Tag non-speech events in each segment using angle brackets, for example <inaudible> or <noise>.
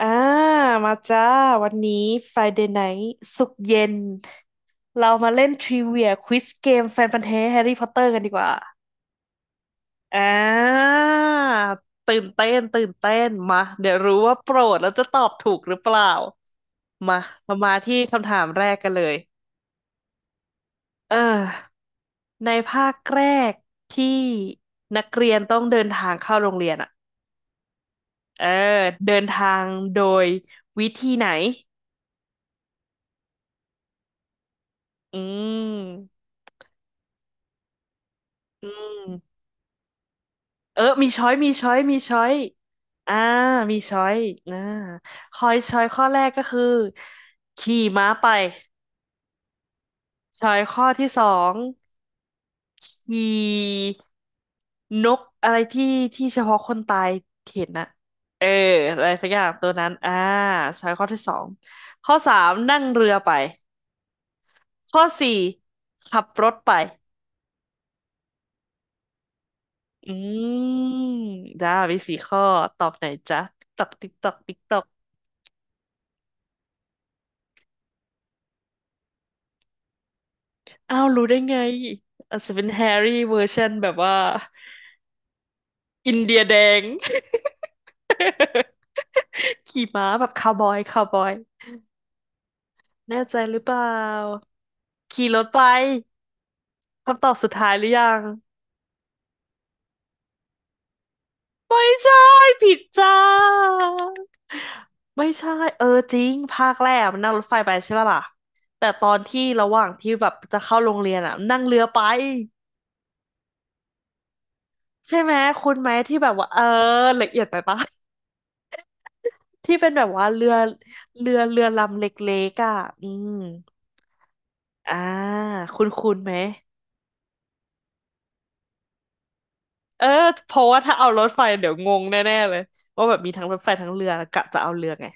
อ่ามาจ้า วันนี้ Friday Night ศุกร์เย็น เรามาเล่นทริเวียควิสเกมแฟนพันธุ์แท้แฮร์รี่พอตเตอร์กันดีกว่าอ่าตื่นเต้น ตื่นเต้น มา เดี๋ยวรู้ว่าโปรดแล้วจะตอบถูกหรือเปล่า มาเรามาที่คำถามแรกกันเลย เออ ในภาคแรกที่นักเรียนต้องเดินทางเข้าโรงเรียนอ่ะเออ เดินทางโดยวิธีไหน อืม อืม เออมีช้อยอ่ามีช้อยอ่าคอยช้อยข้อแรกก็คือขี่ม้าไปช้อยข้อที่สองขี่นกอะไรที่เฉพาะคนตายเห็นนะเอออะไรสักอย่างตัวนั้นอ่าช้อยข้อที่สองข้อสามนั่งเรือไปข้อสี่ขับรถไปอืมจ้ามีสี่ข้อตอบไหนจ๊ะตกตอกติ๊กตอกติ๊กตอก อ้าวรู้ได้ไงอาจจะเป็นแฮร์รี่เวอร์ชันแบบว่าอินเดียแดง <laughs> ขี่ม้าแบบคาวบอยคาวบอยแน่ใจหรือเปล่าขี่รถไปคำตอบสุดท้ายหรือยังไม่ใช่ผิดจ้าไม่ใช่เออจริงภาคแรกมันนั่งรถไฟไปใช่ป่ะล่ะแต่ตอนที่ระหว่างที่แบบจะเข้าโรงเรียนอ่ะนั่งเรือไปใช่ไหมคุณไหมที่แบบว่าเออละเอียดไปปะ ที่เป็นแบบว่าเรือเรือลำเล็กๆอ่ะอืมอ่าคุณไหมเออเพราะว่าถ้าเอารถไฟเดี๋ยวงงแน่ๆเลย ว่าแบบมีทั้งรถไฟทั้งเรือกะจะเอาเรือไง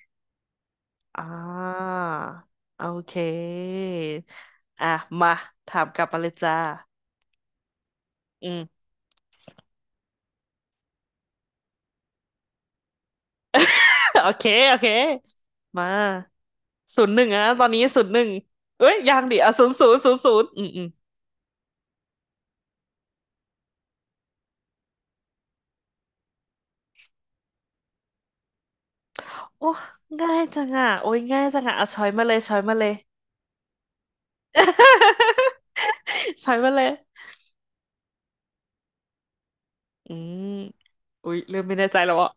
อ่าโอเคอ่ะมาถามกลับมาเลยจ้าอืม <laughs> โอเคโอเคมาศูนย์หนึ่งอะตอนนี้ศูนย์หนึ่งเอ้ยยังดิอ่ะศูนย์ศูนย์ศูนย์ศูนย์อืมอืมโอ้ง่ายจังอ่ะโอ้ยง่ายจังอ่ะเอาช้อยมาเลยช้อยมาเลย <laughs> <laughs> ใช้มาเลยอืมอุ๊ยเริ่มไม่แน่ใจแล้วอ่ะ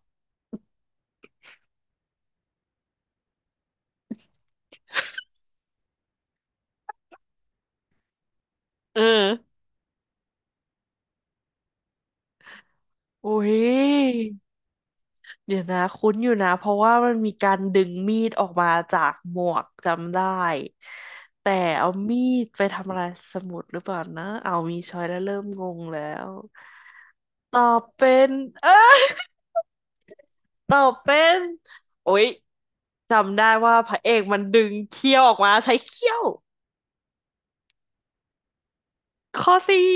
เอออุ๊ยเดี๋ยวนะคุ้นอยู่นะ เพราะว่ามันมีการดึงมีดออกมาจากหมวกจำได้ แต่เอามีดไปทำอะไรสมุดหรือเปล่านะเอามีช้อยแล้วเริ่มงงแล้วตอบเป็นเอ้ยตอบเป็นโอ๊ยจำได้ว่าพระเอกมันดึงเขี้ยวออกมาใช้เขี้ยวข้อสี่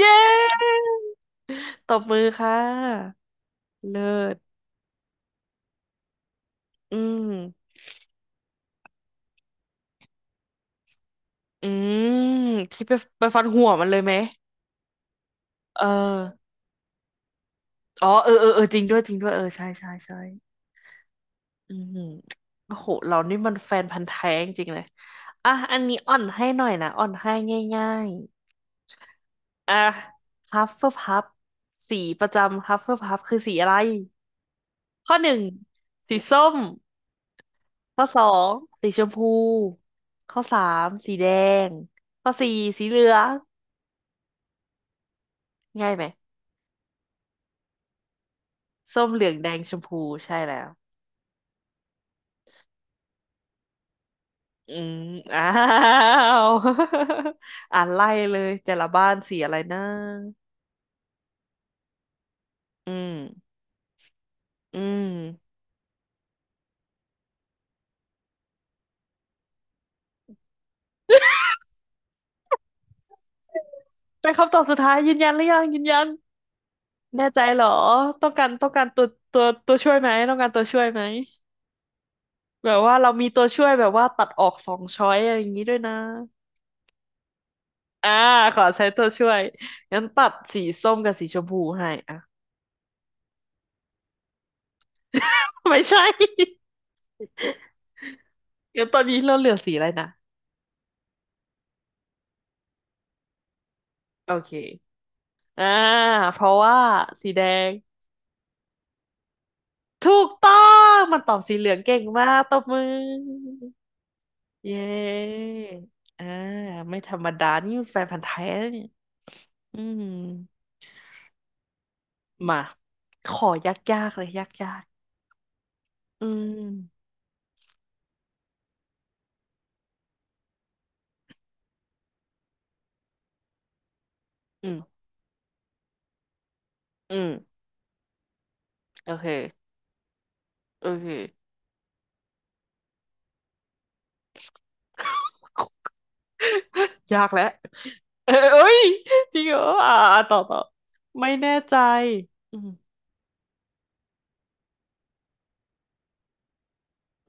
เย้ตบมือค่ะ เลิศ อืมอืมที่ไปไปฟันหัวมันเลยไหมเอออ๋อเออเออเออจริงด้วยจริงด้วยเออใช่ใช่ใช่อืมโอ้โหเรานี่มันแฟนพันธุ์แท้จริงๆเลยอ่ะอันนี้อ่อนให้หน่อยนะอ่อนให้ง่ายๆอ่ะฮัฟเฟิลพัฟสีประจำฮัฟเฟิลพัฟคือสีอะไรข้อหนึ่งสีส้มข้อสองสีชมพูข้อสามสีแดงข้อสี่สีเหลืองง่ายไหมส้มเหลืองแดงชมพูใช่แล้ว อืมอ้าว <laughs> อ่านไล่เลยแต่ละบ้านสีอะไรนะอืมอืมเป็นคำตอบสุดท้ายยืนยันหรือยังยืนยันแน่ใจเหรอต้องการตัวตัวช่วยไหมต้องการตัวช่วยไหมแบบว่าเรามีตัวช่วยแบบว่าตัดออกสองช้อยอะไรอย่างนี้ด้วยนะอ่าขอใช้ตัวช่วยงั้นตัดสีส้มกับสีชมพูให้อ่ะ <laughs> ไม่ใช่ <laughs> งั้นตอนนี้เราเหลือสีอะไรนะโอเคอ่าเพราะว่าสีแดง ถูกต้องมันตอบสีเหลืองเก่งมากตบมือเย้อ่าไม่ธรรมดา นี่แฟนพันธุ์แท้นะเนี่ยอืมมาขอยากๆเลยยากๆอืมอืมอืมโอเคโอเคยากแล้วเอ้ยเอ้ยจริงเหรออ่าอ่าต่อต่อไม่แน่ใจอืม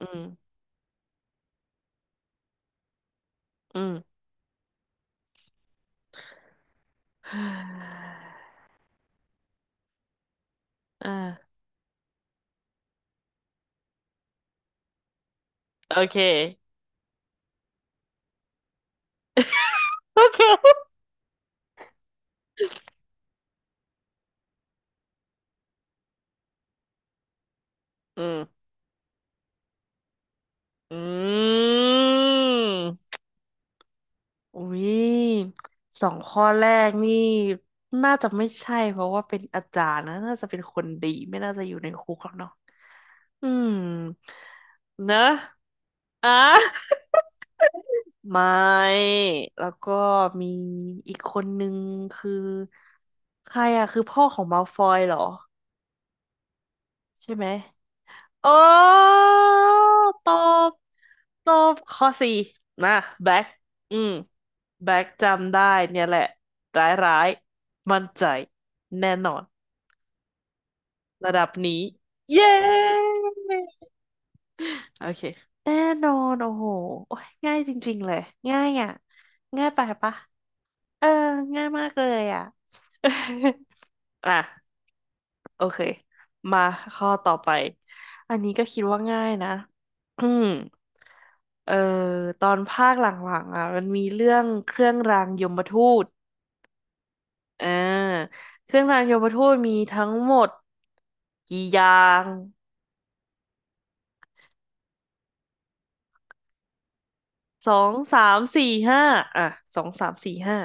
อืมอืมอ่าโอเค <laughs> โอเคอืมอืม อุ้ยสองข้อแรกนี่น่าจะไม่ใช่เพราะว่าเป็นอาจารย์นะน่าจะเป็นคนดีไม่น่าจะอยู่ในคุกหรอกเนาะอืมเนอะอ่ะ <laughs> ไม่แล้วก็มีอีกคนนึงคือใครอะคือพ่อของมัลฟอยเหรอใช่ไหม โอ้ตอบ ตอบข้อสี่นะแบ็คอืม แบ็คจำได้เนี่ยแหละ ร้ายร้ายมั่นใจ แน่นอน ระดับนี้ เย้ โอเค แน่นอน โอ้โหโอ้ยง่ายจริงๆ เลย ง่ายอ่ะง่ายไปปะ เออ ง่ายมากเลยอ่ะ <laughs> อ่ะ โอเคมาข้อต่อไปอันนี้ก็คิดว่าง่ายนะอืมเอ่อตอนภาคหลังๆอ่ะมันมีเรื่องเครื่องรางยมทูตอ่าเครื่องรางยมทูตมีทั้งหมดกี่อย่างสองสามสี่ห้าอ่ะสองสามสี่ห้า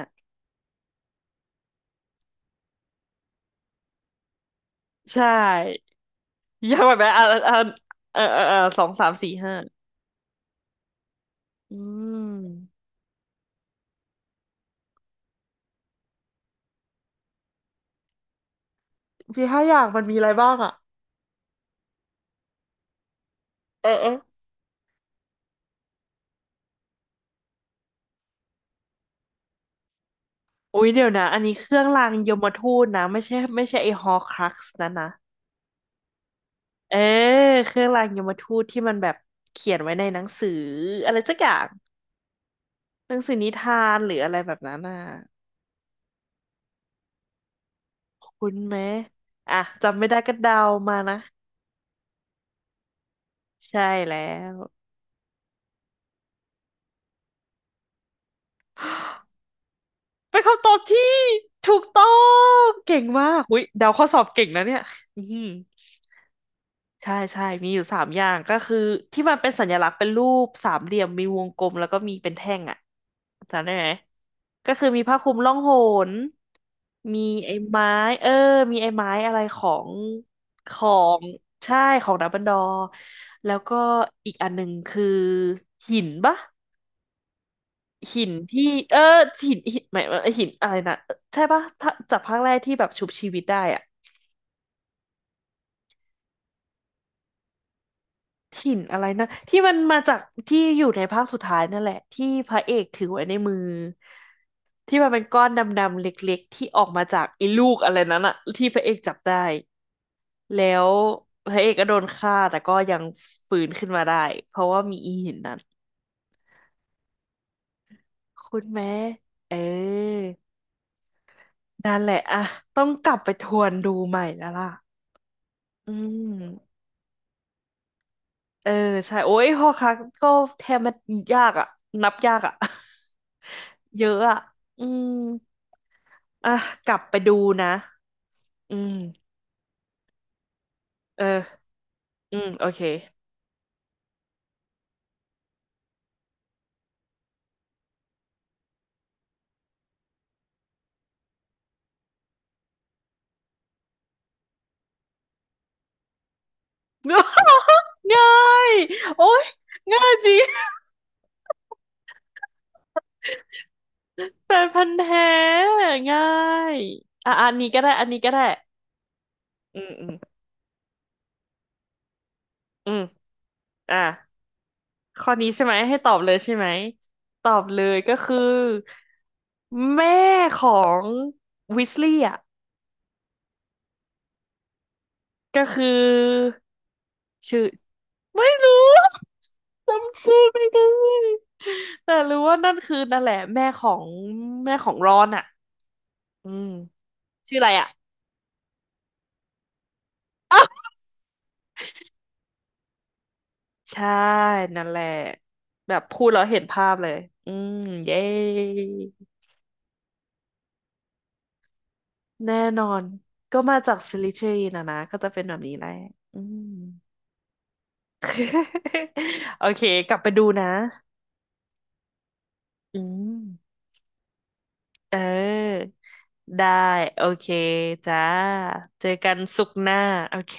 ใช่ยากกว่าไหมอ่ะอ่ะเออเออเออสองสามสี่ห้าอืมมีห้าอย่างมันมีอะไรบ้างอ่ะเออเออ อุ๊ยเดี๋ยวนะอันนี้เครื่องรางยมทูตนะไม่ใช่ไม่ใช่ไอ้ฮอรครักซ์นะเออเครื่องรางยมทูตที่มันแบบเขียนไว้ในหนังสืออะไรสักอย่างหนังสือนิทานหรืออะไรแบบนั้นน่ะคุ้นไหมอ่ะจำไม่ได้ก็เดามานะใช่แล้วเป็นคำตอบที่ถูกต้องเก่งมากอุ้ยเดาข้อสอบเก่งนะเนี่ยอืมใช่ใช่มีอยู่สามอย่างก็คือที่มันเป็นสัญลักษณ์เป็นรูปสามเหลี่ยมมีวงกลมแล้วก็มีเป็นแท่งอ่ะ จำได้ไหมก็คือมีผ้าคลุมล่องหน มีไอ้ไม้ เออ มีไอ้ไม้อะไรของใช่ของดัมเบิลดอร์แล้วก็อีกอันหนึ่งคือหินปะหินที่เออหินหินหมายว่าหินอะไรนะใช่ปะถ้าจากภาคแรกที่แบบชุบชีวิตได้อะ ถิ่นอะไรนะที่มันมาจากที่อยู่ในภาคสุดท้ายนั่นแหละที่พระเอกถือไว้ในมือที่มันเป็นก้อนดำๆเล็กๆที่ออกมาจากไอ้ลูกอะไรนั้นอะที่พระเอกจับได้แล้วพระเอกก็โดนฆ่าแต่ก็ยังฟื้นขึ้นมาได้เพราะว่ามีอีหินนั้นคุณแม่เออนั่นแหละอะต้องกลับไปทวนดูใหม่แล้วล่ะอืม เออใช่โอ้ยหอครักก็แทบมันยากอ่ะนับยากอ่ะ <laughs> เยอะอ่ะอืมอ่ะกลับไปดูนะอืมเอออืมโอเค <laughs> ง่ายโอ้ยง่ายจริง <laughs> แฟนพันธุ์แท้ง่ายอ่ะอะอันนี้ก็ได้อันนี้ก็ได้อืมอืมอืมอ่ะข้อนี้ใช่ไหมให้ตอบเลยใช่ไหมตอบเลยก็คือแม่ของวิสลี่อ่ะ ก็คือชื่อไม่รู้ <laughs> จำชื่อไม่ได้แต่รู้ว่านั่นคือนั่นแหละแม่ของแม่ของรอนอ่ะอืมชื่ออะไรอ่ะ <laughs> อ้าวใช่นั่นแหละแบบพูดแล้วเห็นภาพเลยอืมเย้แน่นอนก็มาจากซิลิเทรีนะนะก็จะเป็นแบบนี้แหละอืม <laughs> โอเคกลับไปดูนะอืม เออได้โอเคจ้าเจอกันศุกร์หน้าโอเค